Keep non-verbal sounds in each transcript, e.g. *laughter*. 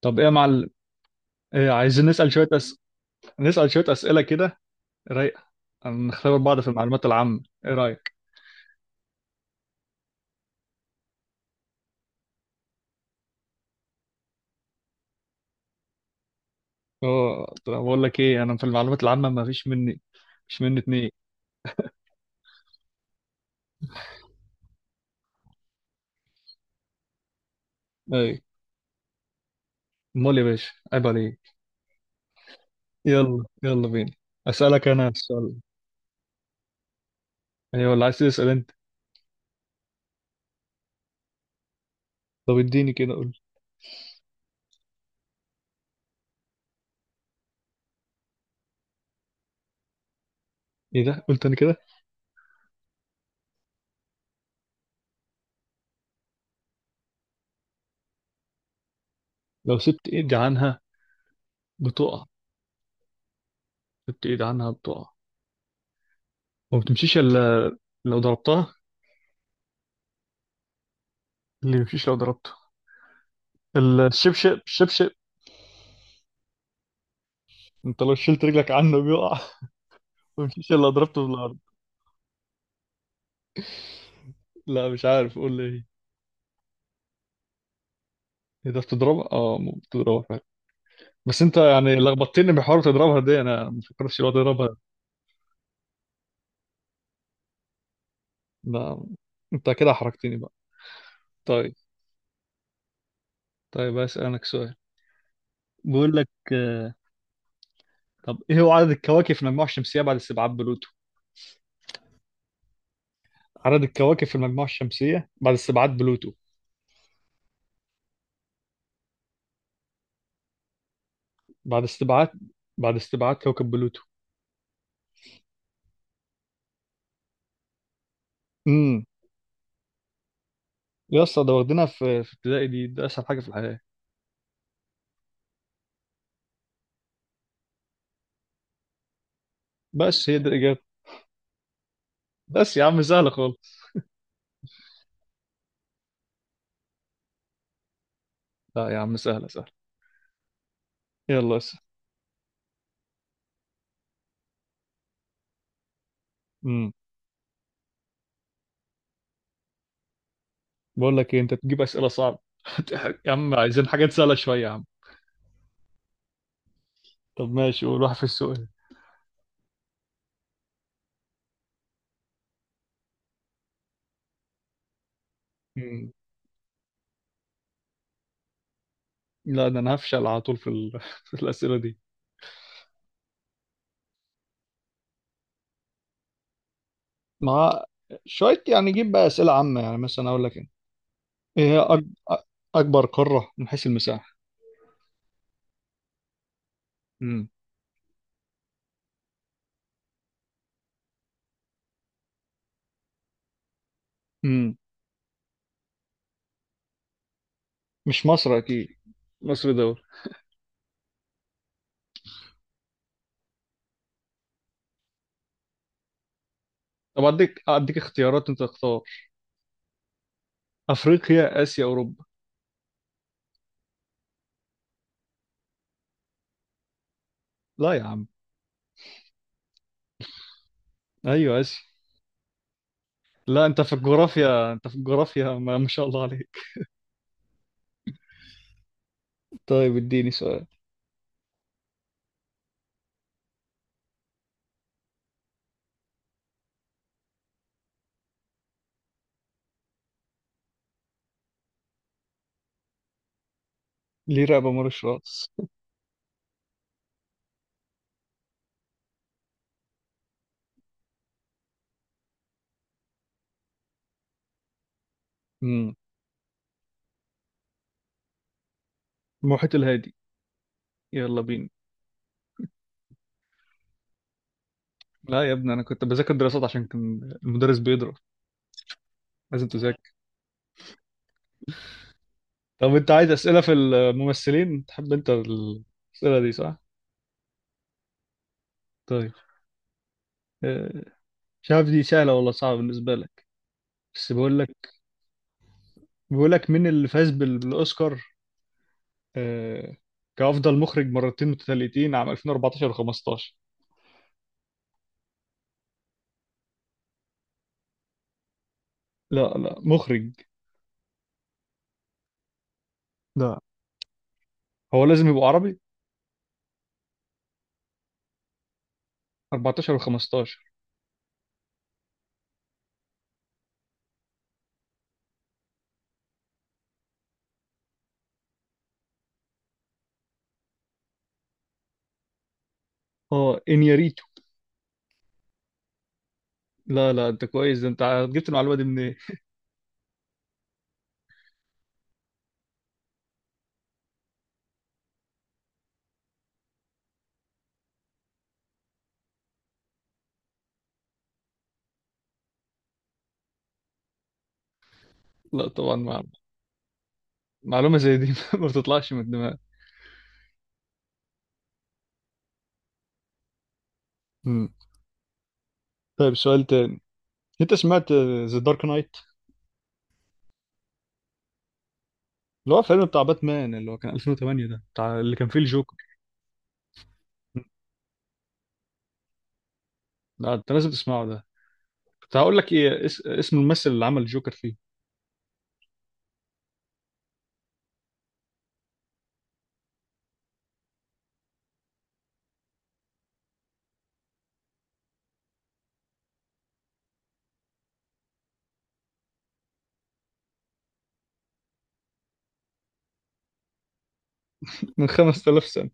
طب ايه يا معلم؟ إيه، عايزين نسأل شوية نسأل شوية أسئلة كده، رايقة. نختبر بعض في المعلومات العامة، ايه رأيك؟ اه. طب بقول لك ايه، انا في المعلومات العامة ما فيش مني، مش مني اتنين. اي، امال يا باشا؟ عيب عليك. يلا يلا بينا، أسألك انا السؤال. ايوه، ولا عايز تسأل انت؟ طب اديني كده، قول. ايه ده؟ قلت انا كده لو سبت ايدي عنها بتقع. سبت ايدي عنها بتقع، وما بتمشيش الا لو ضربتها. اللي ما بيمشيش لو ضربته الشبشب، الشبشب. انت لو شلت رجلك عنه بيقع، مفيش الا ضربته بالارض. لا، مش عارف، قول لي ايه. إيه ده؟ بتضربها؟ اه ممكن تضربها فعلا، بس انت يعني لخبطتني بحوار تضربها دي، انا ما فكرتش لو تضربها. ده انت كده حركتني بقى. طيب. طيب اسالك سؤال. بقول لك. طب ايه هو عدد الكواكب في المجموعه الشمسيه بعد استبعاد بلوتو؟ عدد الكواكب في المجموعه الشمسيه بعد استبعاد بلوتو. بعد استبعاد، بعد استبعاد كوكب بلوتو. امم يا اسطى ده واخدينها في ابتدائي، دي ده اسهل حاجه في الحياه. بس هي دي الاجابه. بس يا عم سهله خالص. لا يا عم، سهله سهله. يلا. امم. بقول لك ايه، انت تجيب اسئله صعبه. *laughs* يا عم عايزين حاجات سهله شويه يا عم. طب ماشي، قول، واحد في السؤال. امم. لا ده انا هفشل على طول *laughs* في الاسئله دي. مع شويه يعني، جيب بقى اسئله عامه. يعني مثلا اقول لك ايه، إيه هي أك... أ- اكبر قاره من حيث المساحه. امم. امم. مش مصر اكيد. مصر دول. طب اديك، اديك اختيارات انت تختار. افريقيا، اسيا، اوروبا. لا يا عم. ايوه اسيا. لا انت في الجغرافيا، انت في الجغرافيا ما شاء الله عليك. طيب اديني سؤال. ليه رقبة مالوش راس؟ امم. المحيط الهادي. يلا بينا. لا يا ابني، انا كنت بذاكر دراسات عشان كان المدرس بيضرب، لازم تذاكر. طب انت عايز اسئله في الممثلين؟ تحب انت الاسئله دي صح؟ طيب. آه، مش عارف دي سهله ولا صعبه بالنسبه لك، بس بقول لك. بقول لك مين اللي فاز بالاوسكار آه، كافضل مخرج مرتين متتاليتين عام 2014 و15؟ لا لا، مخرج. لا، هو لازم يبقى عربي؟ 14 و15. اه، انياريتو. لا لا، انت كويس ده انت، جبت المعلومه دي منين؟ لا طبعا معلومه زي دي *laughs* ما بتطلعش من الدماغ. مم. طيب سؤال تاني، انت سمعت ذا دارك نايت؟ اللي هو فيلم بتاع باتمان، اللي هو كان 2008، ده بتاع اللي كان فيه الجوكر. لا انت لازم تسمعه ده. كنت هقول لك ايه، اسم الممثل اللي عمل الجوكر فيه. من 5000 سنه.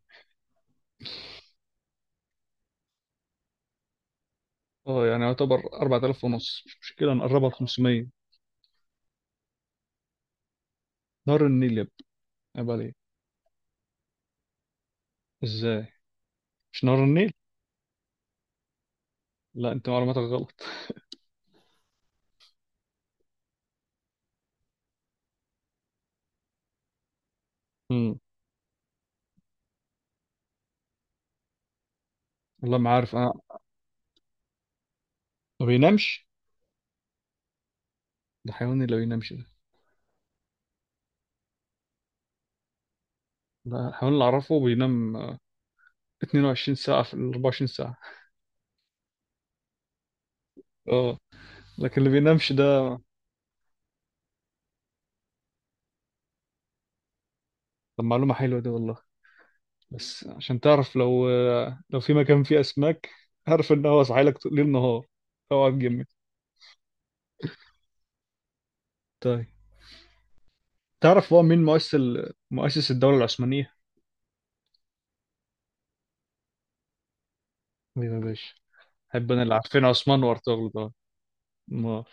اه يعني يعتبر 4000 ونص، مش مشكله نقربها ل 500. نهر النيل يا ابني، عيب عليك. ازاي؟ مش نهر النيل؟ لا، انت معلوماتك غلط. مم. والله ما عارف انا. ما بينامش؟ ده حيوان اللي بينامش؟ ده حيوان اللي أعرفه بينام 22 ساعة في ال 24 ساعة. اه. لكن اللي بينامش ده. طب معلومة حلوة دي والله. بس عشان تعرف لو لو في مكان فيه أسماك، عارف إن هو صاحي لك ليل نهار، أوعى تجمد. طيب تعرف هو مين مؤسس مؤسس الدولة العثمانية؟ مين يا باشا؟ أحب أنا اللي عارفين عثمان وأرطغرل ده. ما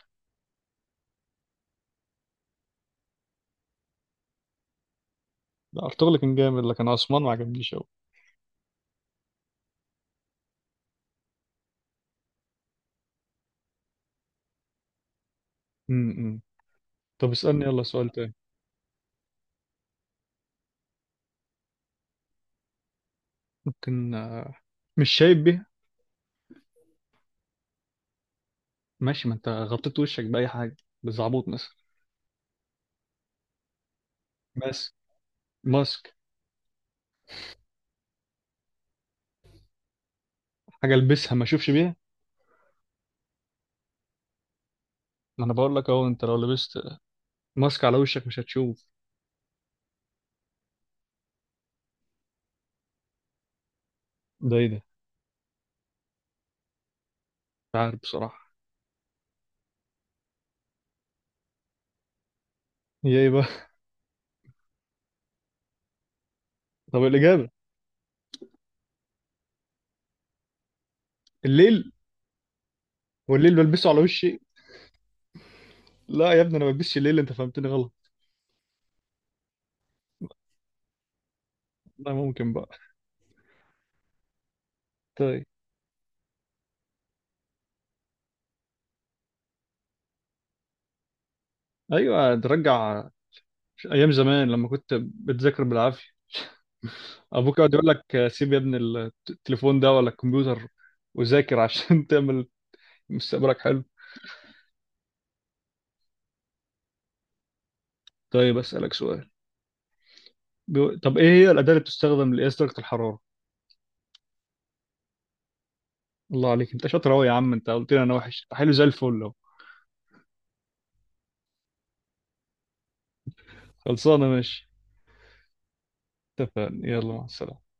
ده أرطغرل كان جامد، لكن عثمان ما عجبنيش أوي. امم. طب اسألني يلا سؤال تاني. ممكن مش شايب بيه. ماشي، ما أنت غطيت وشك بأي حاجة، بالزعبوط مثلا. بس ماسك. حاجة البسها ما اشوفش بيها. ما انا بقول لك اهو، انت لو لبست ماسك على وشك مش هتشوف. ده ايه ده؟ مش عارف بصراحة. هي ايه بقى؟ *laughs* طب الإجابة؟ الليل. والليل بلبسه على وشي؟ لا يا ابني انا ما بلبسش الليل، انت فهمتني غلط. لا ممكن بقى. طيب. ايوه، ترجع ايام زمان لما كنت بتذاكر بالعافية، *laughs* ابوك يقعد يقول لك سيب يا ابني التليفون ده ولا الكمبيوتر، وذاكر عشان *laughs* تعمل مستقبلك حلو. طيب اسالك سؤال. طب ايه هي الاداه اللي بتستخدم لقياس درجه الحراره؟ الله عليك، انت شاطر قوي يا عم. انت قلت لي انا وحش، حلو زي الفل اهو. خلصانه، ماشي. اتفقنا، يلا مع السلامه.